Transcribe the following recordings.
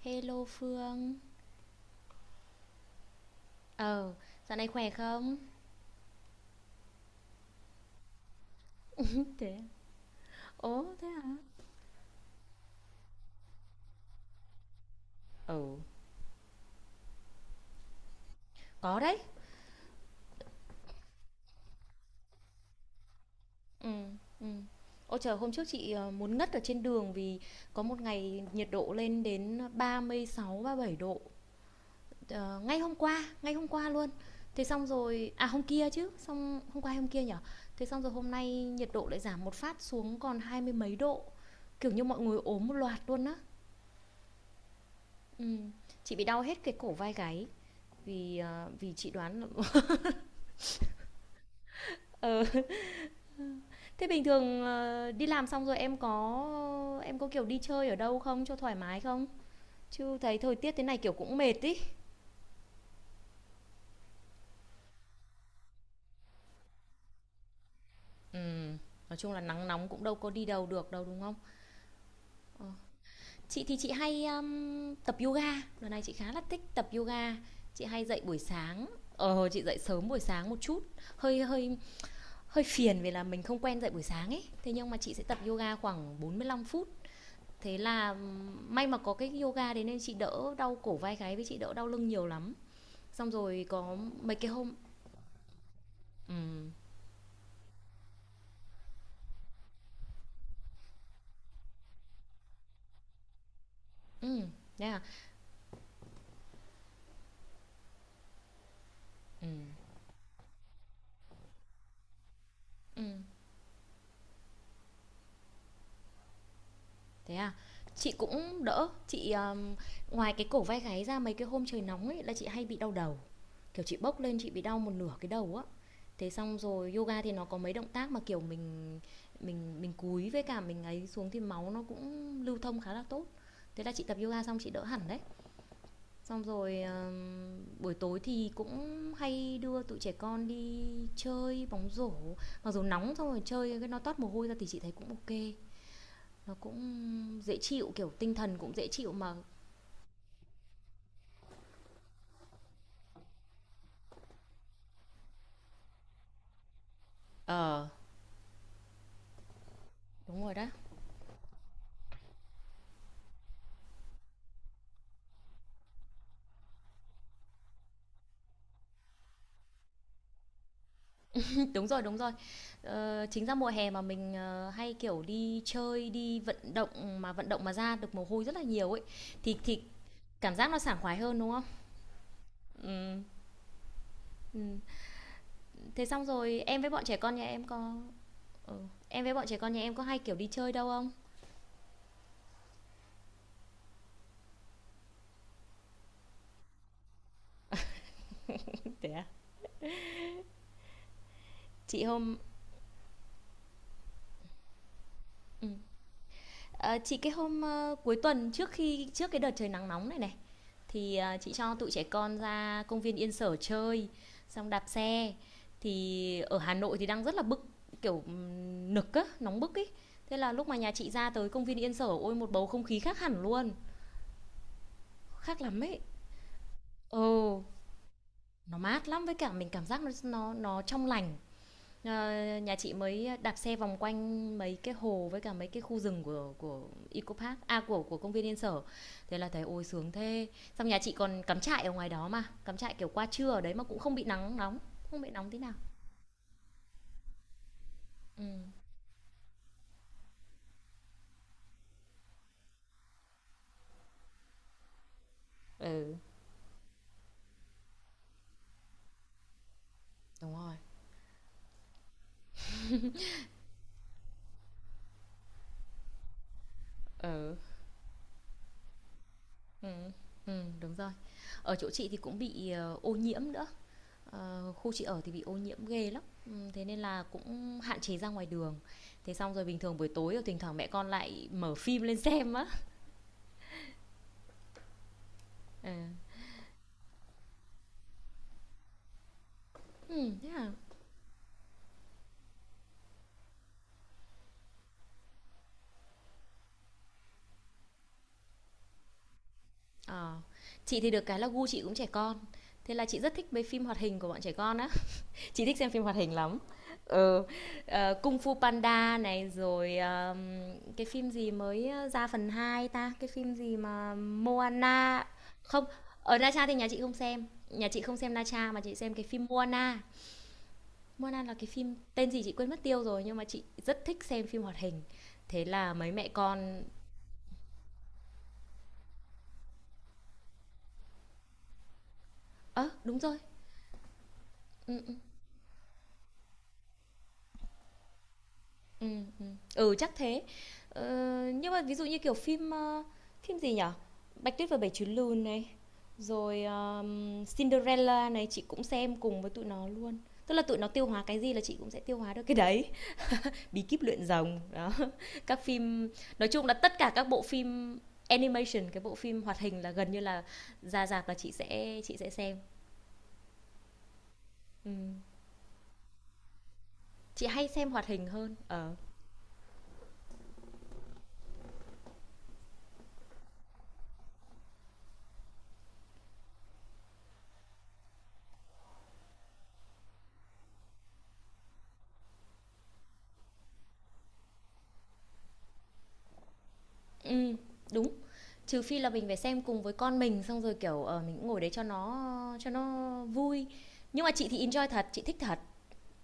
Hello Phương. Ờ, Dạo này khỏe không? Thế à? Ồ thế hả? Ừ. Có đấy. Ừ, ừ. Ôi trời, hôm trước chị muốn ngất ở trên đường vì có một ngày nhiệt độ lên đến 36, bảy độ. Ờ, ngay hôm qua luôn. Thế xong rồi, à hôm kia chứ, xong hôm qua hay hôm kia nhở? Thế xong rồi hôm nay nhiệt độ lại giảm một phát xuống còn hai mươi mấy độ. Kiểu như mọi người ốm một loạt luôn á. Ừ. Chị bị đau hết cái cổ vai gáy vì chị đoán là. Ừ. Thế bình thường, đi làm xong rồi em có, kiểu, đi chơi ở đâu không cho thoải mái không? Chứ thấy thời tiết thế này, kiểu, cũng mệt ấy. Ừm, nói chung là nắng nóng cũng đâu có đi đâu được đâu, đúng không? Ờ. Chị thì chị hay, tập yoga, lần này chị khá là thích tập yoga. Chị hay dậy buổi sáng, chị dậy sớm buổi sáng một chút, hơi hơi hơi phiền vì là mình không quen dậy buổi sáng ấy. Thế nhưng mà chị sẽ tập yoga khoảng 45 phút, thế là may mà có cái yoga đấy nên chị đỡ đau cổ vai gáy với chị đỡ đau lưng nhiều lắm, xong rồi có mấy cái hôm. Ừ, ừ. Thế à? Ừ, ừ. Thế à? Chị cũng đỡ chị. Ngoài cái cổ vai gáy ra, mấy cái hôm trời nóng ấy là chị hay bị đau đầu, kiểu chị bốc lên chị bị đau một nửa cái đầu á. Thế xong rồi yoga thì nó có mấy động tác mà kiểu mình cúi với cả mình ấy xuống thì máu nó cũng lưu thông khá là tốt. Thế là chị tập yoga xong chị đỡ hẳn đấy. Xong rồi, buổi tối thì cũng hay đưa tụi trẻ con đi chơi bóng rổ, mặc dù nóng xong rồi chơi cái nó toát mồ hôi ra thì chị thấy cũng OK. Nó cũng dễ chịu, kiểu, tinh thần cũng dễ chịu mà. ờ, đúng rồi đó. Đúng rồi, đúng rồi. Chính ra mùa hè mà mình, hay, kiểu, đi chơi, đi vận động mà ra được mồ hôi rất là nhiều ấy, thì cảm giác nó sảng khoái hơn, đúng không? Ừm, ừm. Thế xong rồi em với bọn trẻ con nhà em có. Ừ. Em với bọn trẻ con nhà em có hay, kiểu, đi chơi đâu không? Thế à? Chị hôm ừm, ờ, chị cái hôm, ơ, Cuối tuần trước khi trước cái đợt trời nắng nóng này này, thì, chị cho tụi trẻ con ra công viên Yên Sở chơi, xong đạp xe. Thì ở Hà Nội thì đang rất là bức, kiểu, nực á, nóng bức ý. Thế là lúc mà nhà chị ra tới công viên Yên Sở, ôi, một bầu không khí khác hẳn luôn, khác lắm ấy. Ừ, nó mát lắm, với cả mình cảm giác nó trong lành. Ờ, Nhà chị mới đạp xe vòng quanh mấy cái hồ với cả mấy cái khu rừng của Eco Park, à, của công viên Yên Sở. Thế là thấy ôi sướng thế. Xong nhà chị còn cắm trại ở ngoài đó mà, cắm trại kiểu qua trưa ở đấy mà cũng không bị nắng nóng, không bị nóng tí nào. Ừ. Ừ, đúng rồi. Ừ. Ừ. Ừ, đúng rồi. Ở chỗ chị thì cũng bị ô nhiễm nữa. Khu chị ở thì bị ô nhiễm ghê lắm. Ừ, thế nên là cũng hạn chế ra ngoài đường. Thế xong rồi bình thường buổi tối thì thỉnh thoảng mẹ con lại mở phim lên xem á. Ừ. Thế hả? Ờ. Chị thì được cái là gu chị cũng trẻ con, thế là chị rất thích mấy phim hoạt hình của bọn trẻ con á. Chị thích xem phim hoạt hình lắm. Ừ, Kung Fu Panda này, rồi, cái phim gì mới, ra phần 2 ta? Cái phim gì mà Moana không, ở Na Tra thì nhà chị không xem, nhà chị không xem Na Tra mà chị xem cái phim Moana. Moana là cái phim tên gì chị quên mất tiêu rồi, nhưng mà chị rất thích xem phim hoạt hình. Thế là mấy mẹ con. Đúng rồi, ừm. Ừ, chắc thế. Ờ, nhưng mà ví dụ như kiểu phim, phim gì nhở, Bạch Tuyết và Bảy Chú Lùn này, rồi, Cinderella này chị cũng xem cùng với tụi nó luôn. Tức là tụi nó tiêu hóa cái gì là chị cũng sẽ tiêu hóa được cái đấy. Bí kíp luyện rồng, đó. Các phim nói chung là tất cả các bộ phim animation, cái bộ phim hoạt hình là gần như là ra rạp là chị sẽ xem. Ừm, chị hay xem hoạt hình hơn. Ờ. Ừm, đúng. Trừ phi là mình phải xem cùng với con mình, xong rồi, kiểu, mình cũng ngồi đấy cho nó vui. Nhưng mà chị thì enjoy thật, chị thích thật,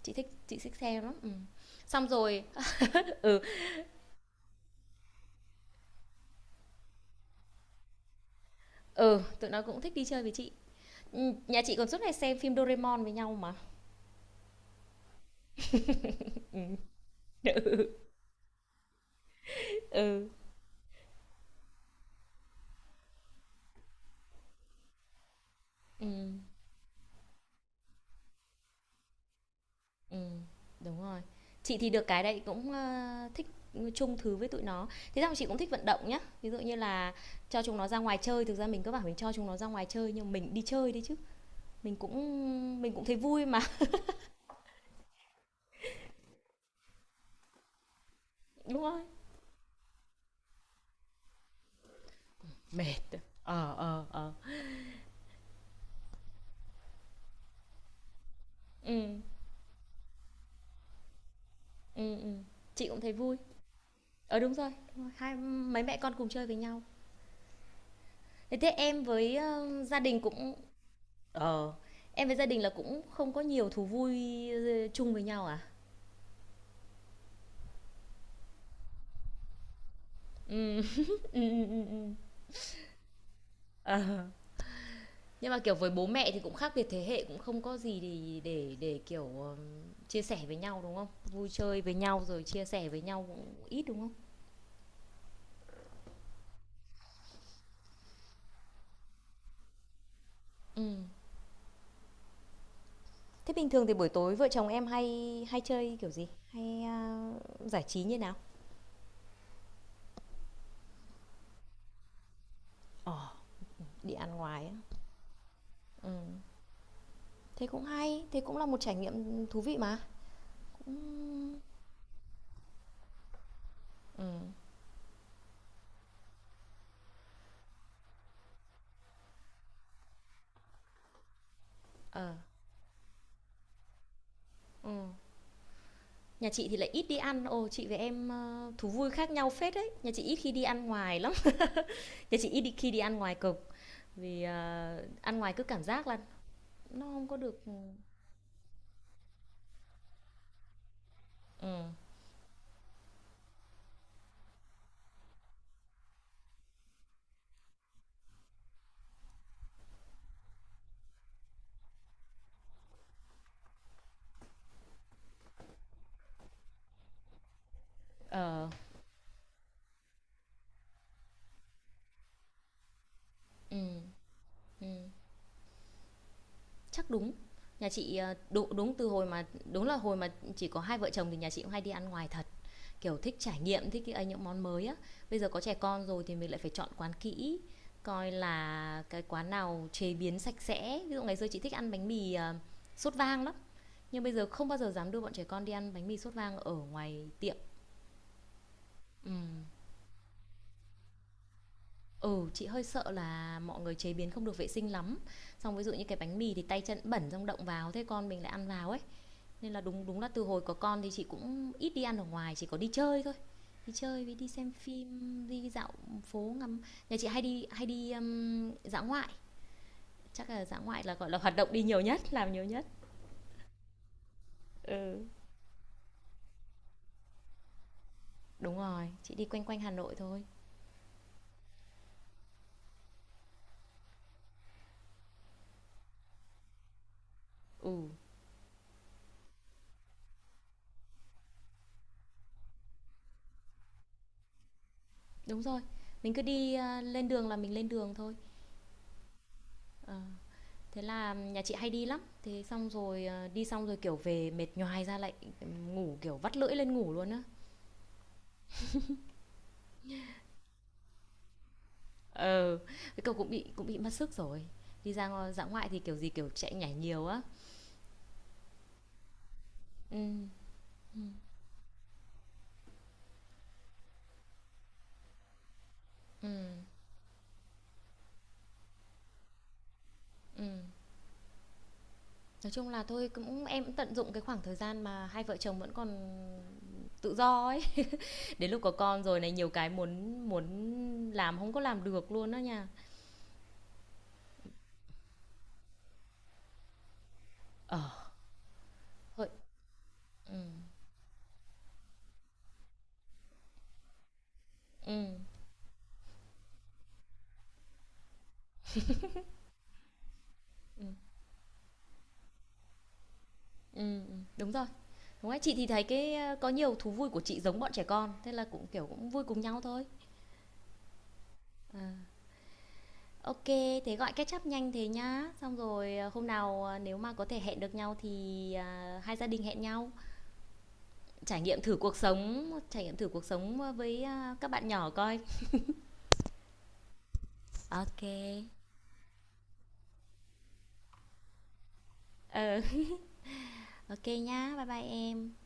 chị thích xem lắm. Xong rồi ừ, ừ, tụi nó cũng thích đi chơi với chị. Nhà chị còn suốt ngày xem phim Doraemon với nhau mà. Ừ, ừm, ừm, đúng rồi. Chị thì được cái đấy cũng, thích chung thứ với tụi nó. Thế xong chị cũng thích vận động nhá. Ví dụ như là cho chúng nó ra ngoài chơi, thực ra mình cứ bảo mình cho chúng nó ra ngoài chơi nhưng mình đi chơi đấy chứ. Mình cũng thấy vui mà. Đúng rồi. Mệt. Ừ, ừ, ừ. Chị cũng thấy vui. Đúng rồi, đúng rồi. Hai mấy mẹ con cùng chơi với nhau. Thế thế em với gia đình cũng. ờ em với gia đình là cũng không có nhiều thú vui chung với nhau à. Ừ. Ừ, ừ, ừ, ừ. ờ nhưng mà kiểu với bố mẹ thì cũng khác biệt thế hệ cũng không có gì để kiểu chia sẻ với nhau đúng không, vui chơi với nhau rồi chia sẻ với nhau cũng ít đúng không. Ừ. Thế bình thường thì buổi tối vợ chồng em hay hay chơi kiểu gì? Hay à, giải trí như nào? Ờ, oh. Đi ăn ngoài á. Ừ. Thế cũng hay, thế cũng là một trải nghiệm thú vị mà. Ừ. Ừ. Ờ. Ừ. Nhà chị thì lại ít đi ăn. Ồ, chị với em thú vui khác nhau phết đấy. Nhà chị ít khi đi ăn ngoài lắm. Nhà chị ít đi khi đi ăn ngoài cực vì ăn ngoài cứ cảm giác là nó không có được. Ừ. Ờ. Ừ. Ừ. Chắc đúng. Nhà chị, ờ, đúng đúng từ hồi mà, đúng là hồi mà chỉ có hai vợ chồng thì nhà chị cũng hay đi ăn ngoài thật, kiểu, thích trải nghiệm, thích cái ấy những món mới á. Bây giờ có trẻ con rồi thì mình lại phải chọn quán kỹ, coi là cái quán nào chế biến sạch sẽ. Ví dụ ngày xưa chị thích ăn bánh mì, sốt vang lắm, nhưng bây giờ không bao giờ dám đưa bọn trẻ con đi ăn bánh mì sốt vang ở ngoài tiệm. Ừm. Ừ, chị hơi sợ là mọi người chế biến không được vệ sinh lắm. Xong ví dụ như cái bánh mì thì tay chân bẩn xong động vào, thế con mình lại ăn vào ấy. Nên là đúng đúng là từ hồi có con thì chị cũng ít đi ăn ở ngoài, chỉ có đi chơi thôi, đi chơi với đi xem phim, đi dạo phố ngắm. Nhà chị hay đi dã ngoại, chắc là dã ngoại là gọi là hoạt động đi nhiều nhất, làm nhiều nhất. Ừ, đúng rồi, chị đi quanh quanh Hà Nội thôi. Ừ, đúng rồi, mình cứ đi, lên đường là mình lên đường thôi. Ờ, Thế là nhà chị hay đi lắm, thế xong rồi, đi xong rồi kiểu về mệt nhoài ra, lại ngủ kiểu vắt lưỡi lên ngủ luôn á. Ừ, cái cậu cũng bị mất sức rồi. Đi ra dã ngoại thì kiểu gì kiểu chạy nhảy nhiều á. Ừm, ừm, ừm. Nói chung là thôi cũng em cũng tận dụng cái khoảng thời gian mà hai vợ chồng vẫn còn tự do ấy. Đến lúc có con rồi này nhiều cái muốn muốn làm không có làm được luôn đó nha. Ờ, Thôi, ừm, ừm, ừm, đúng rồi. Đúng rồi, chị thì thấy cái, có nhiều thú vui của chị giống bọn trẻ con, thế là cũng kiểu cũng vui cùng nhau thôi. À. OK, thế gọi catch up nhanh thế nhá. Xong rồi, hôm nào, nếu mà có thể hẹn được nhau thì, à, hai gia đình hẹn nhau, trải nghiệm thử cuộc sống trải nghiệm thử cuộc sống, ờ, với, các bạn nhỏ coi. OK. Ừ, OK nhá. Bye bye em.